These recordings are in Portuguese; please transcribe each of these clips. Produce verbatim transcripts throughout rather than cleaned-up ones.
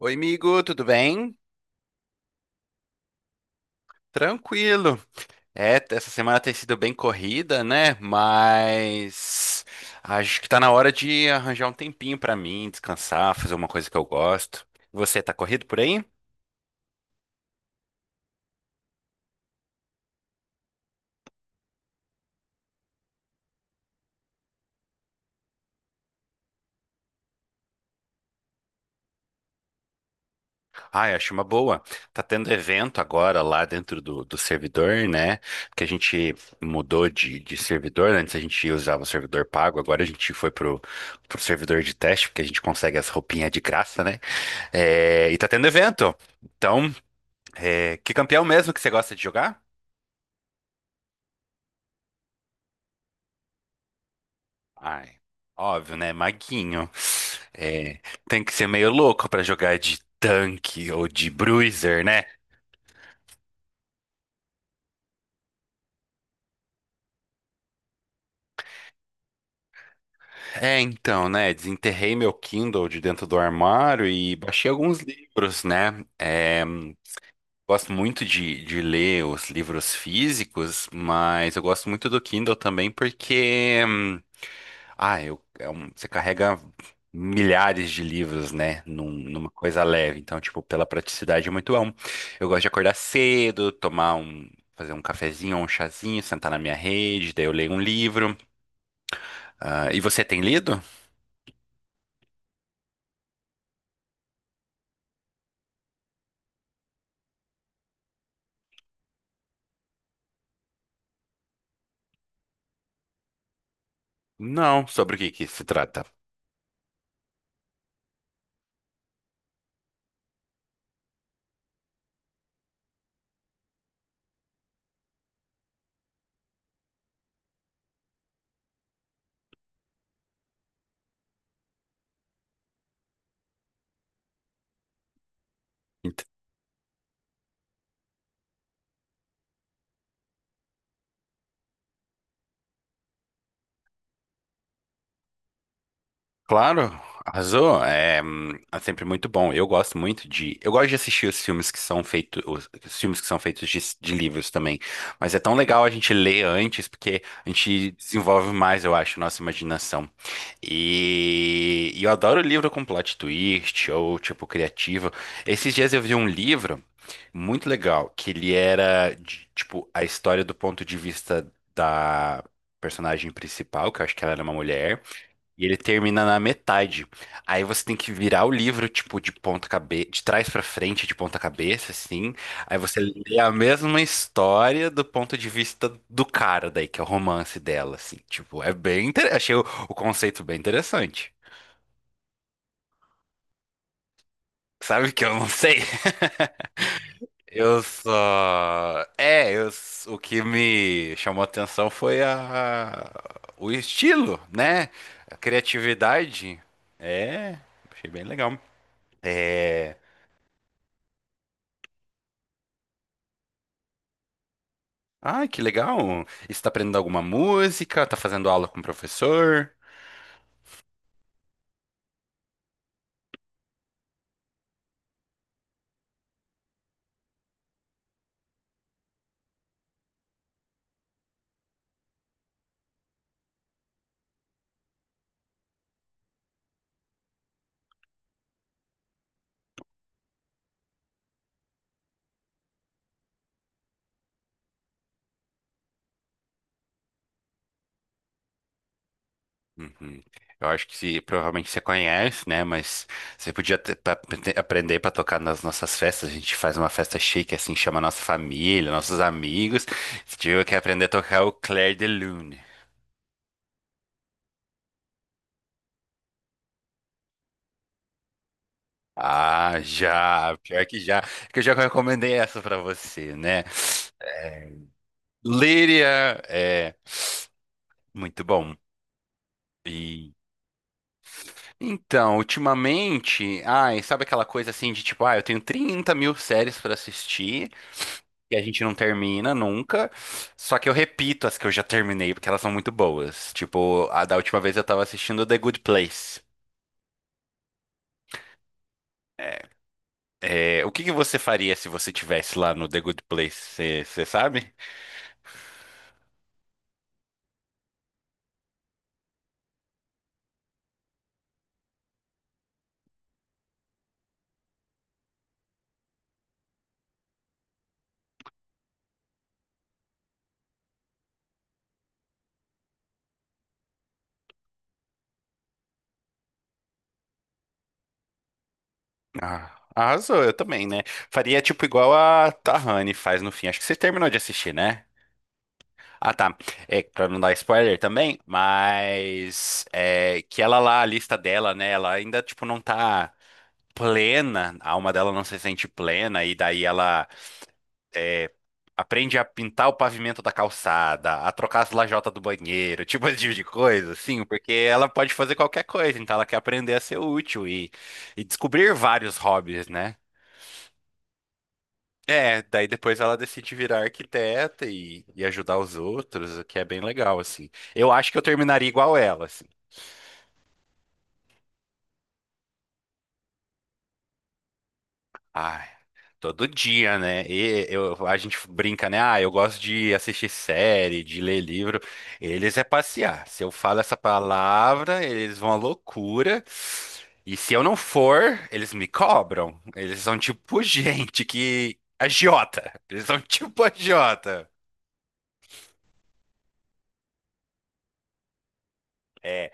Oi, amigo, tudo bem? Tranquilo. É, t- essa semana tem sido bem corrida, né? Mas acho que tá na hora de arranjar um tempinho pra mim, descansar, fazer uma coisa que eu gosto. Você tá corrido por aí? Ai, acho uma boa. Tá tendo evento agora lá dentro do, do servidor, né? Porque a gente mudou de, de servidor. Antes a gente usava o servidor pago, agora a gente foi pro, pro servidor de teste, porque a gente consegue as roupinhas de graça, né? É, e tá tendo evento. Então. É, que campeão mesmo que você gosta de jogar? Ai, óbvio, né? Maguinho. É, tem que ser meio louco pra jogar de tanque ou de bruiser, né? É, então, né? Desenterrei meu Kindle de dentro do armário e baixei alguns livros, né? É, gosto muito de, de ler os livros físicos, mas eu gosto muito do Kindle também porque hum, ah, eu, é um- você carrega milhares de livros, né, num- numa coisa leve. Então, tipo, pela praticidade é muito bom. Eu gosto de acordar cedo, tomar um, fazer um cafezinho ou um chazinho, sentar na minha rede, daí eu leio um livro. Ah, e você tem lido? Não, sobre o que que se trata? Ent- Claro, arrasou. É, hum, é sempre muito bom. Eu gosto muito de. Eu gosto de assistir os filmes que são feitos, os, os filmes que são feitos de, de livros também. Mas é tão legal a gente ler antes, porque a gente desenvolve mais, eu acho, nossa imaginação. E, e eu adoro livro com plot twist ou tipo criativo. Esses dias eu vi um livro muito legal, que ele era de, tipo a história do ponto de vista da personagem principal, que eu acho que ela era uma mulher. E ele termina na metade. Aí você tem que virar o livro, tipo, de ponta cabeça, de trás pra frente, de ponta cabeça, assim. Aí você lê a mesma história do ponto de vista do cara daí, que é o romance dela, assim. Tipo, é bem inter... Achei o, o conceito bem interessante. Sabe que eu não sei? Eu só. É, eu... s- O que me chamou a atenção foi a... o estilo, né? A criatividade. É, achei bem legal. É. Ah, que legal! E você tá aprendendo alguma música? Tá fazendo aula com o professor? Uhum. Eu acho que se- provavelmente você conhece, né? Mas você podia ter- pra- ter- aprender para tocar nas nossas festas. A gente faz uma festa chique, assim, chama nossa família, nossos amigos. Você tiver que aprender a tocar o Clair de Lune. Ah, já! Pior que já. Que eu já recomendei essa para você, né? Líria, é muito bom. Então, ultimamente, ai, sabe aquela coisa assim de tipo, ah, eu tenho trinta mil séries pra assistir e a gente não termina nunca. Só que eu repito as que eu já terminei, porque elas são muito boas. Tipo, a da última vez eu tava assistindo The Good Place. É, o que que você faria se você tivesse lá no The Good Place? Você sabe? Ah, arrasou, eu também, né? Faria tipo igual a Tahani faz no fim. Acho que você terminou de assistir, né? Ah, tá. É, pra não dar spoiler também, mas é, que ela lá, a lista dela, né? Ela ainda, tipo, não tá plena, a alma dela não se sente plena, e daí ela é, aprende a pintar o pavimento da calçada, a trocar as lajotas do banheiro, tipo esse tipo de coisa, assim, porque ela pode fazer qualquer coisa, então ela quer aprender a ser útil e, e descobrir vários hobbies, né? É, daí depois ela decide virar arquiteta e, e ajudar os outros, o que é bem legal, assim. Eu acho que eu terminaria igual ela, assim. Ai, todo dia, né? E eu, a gente brinca, né? Ah, eu gosto de assistir série, de ler livro. Eles é passear. Se eu falo essa palavra, eles vão à loucura. E se eu não for, eles me cobram. Eles são tipo gente que... agiota. Eles são tipo agiota. É.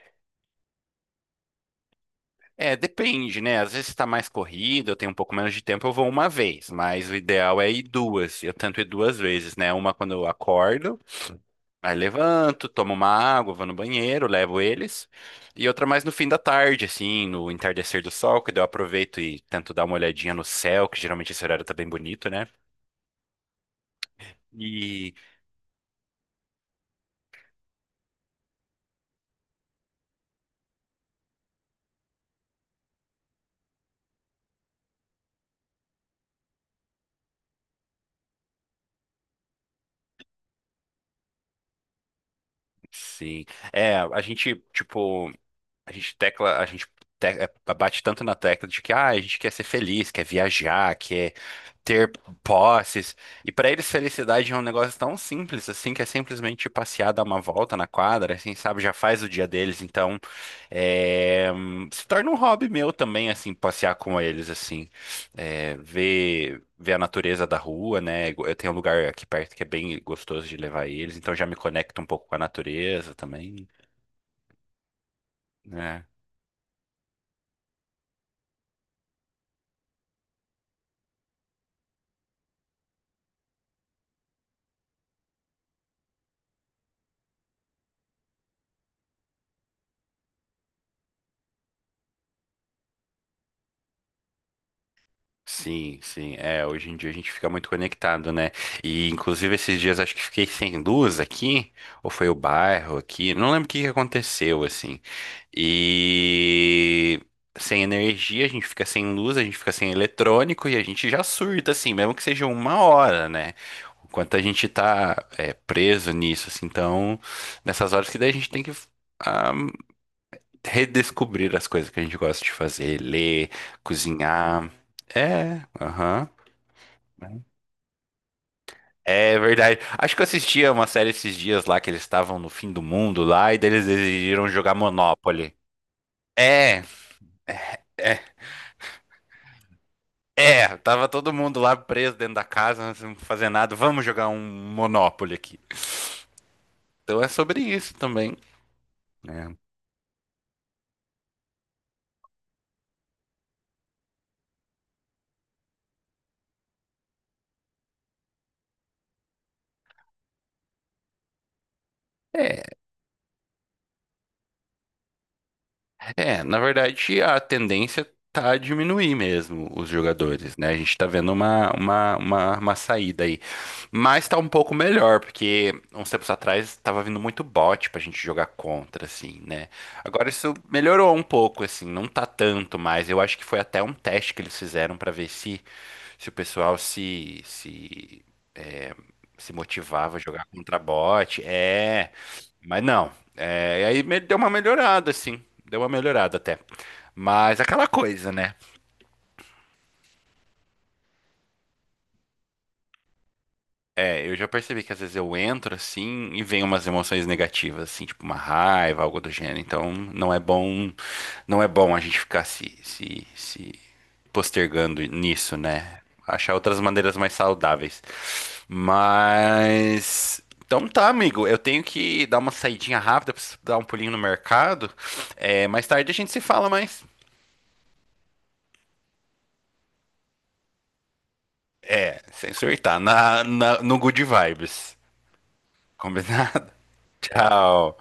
É, depende, né? Às vezes está mais corrido, eu tenho um pouco menos de tempo, eu vou uma vez, mas o ideal é ir duas. Eu tento ir duas vezes, né? Uma quando eu acordo, aí levanto, tomo uma água, vou no banheiro, levo eles, e outra mais no fim da tarde, assim, no entardecer do sol, que daí eu aproveito e tento dar uma olhadinha no céu, que geralmente esse horário tá bem bonito, né? E sim, é, a gente, tipo, a gente tecla, a gente te- é, bate tanto na tecla de que ah, a gente quer ser feliz, quer viajar, quer ter posses. E para eles felicidade é um negócio tão simples assim, que é simplesmente passear, dar uma volta na quadra, assim, sabe? Já faz o dia deles, então é, hum, se torna um hobby meu também, assim, passear com eles, assim, é, ver ver a natureza da rua, né? Eu tenho um lugar aqui perto que é bem gostoso de levar eles, então já me conecto um pouco com a natureza também. Né? Sim, sim. É, hoje em dia a gente fica muito conectado, né? E inclusive esses dias acho que fiquei sem luz aqui, ou foi o bairro aqui, não lembro o que que aconteceu assim. E sem energia, a gente fica sem luz, a gente fica sem eletrônico e a gente já surta assim, mesmo que seja uma hora, né? O quanto a gente tá é, preso nisso, assim, então nessas horas que daí a gente tem que ah, redescobrir as coisas que a gente gosta de fazer, ler, cozinhar. É, aham. Né? É verdade. Acho que eu assistia uma série esses dias lá que eles estavam no fim do mundo lá e daí eles decidiram jogar Monopoly. É, é, é. É, tava todo mundo lá preso dentro da casa, sem fazer nada. Vamos jogar um Monopoly aqui. Então é sobre isso também. Né? É. É, na verdade, a tendência tá a diminuir mesmo os jogadores, né? A gente tá vendo uma, uma, uma, uma saída aí. Mas tá um pouco melhor, porque uns tempos atrás tava vindo muito bot pra gente jogar contra, assim, né? Agora isso melhorou um pouco, assim, não tá tanto mais. Eu acho que foi até um teste que eles fizeram pra ver se, se o pessoal se, se, é, se motivava a jogar contra bot. É. Mas não, é, e aí me- deu uma melhorada, assim. Deu uma melhorada até. Mas aquela coisa, né? É, eu já percebi que às vezes eu entro assim e vem umas emoções negativas, assim, tipo uma raiva, algo do gênero. Então não é bom, não é bom a gente ficar se, se, se postergando nisso, né? Achar outras maneiras mais saudáveis. Mas. Então tá, amigo. Eu tenho que dar uma saidinha rápida, preciso dar um pulinho no mercado. É, mais tarde a gente se fala mais. É, sem surtar. Na, na- no Good Vibes. Combinado? Tchau.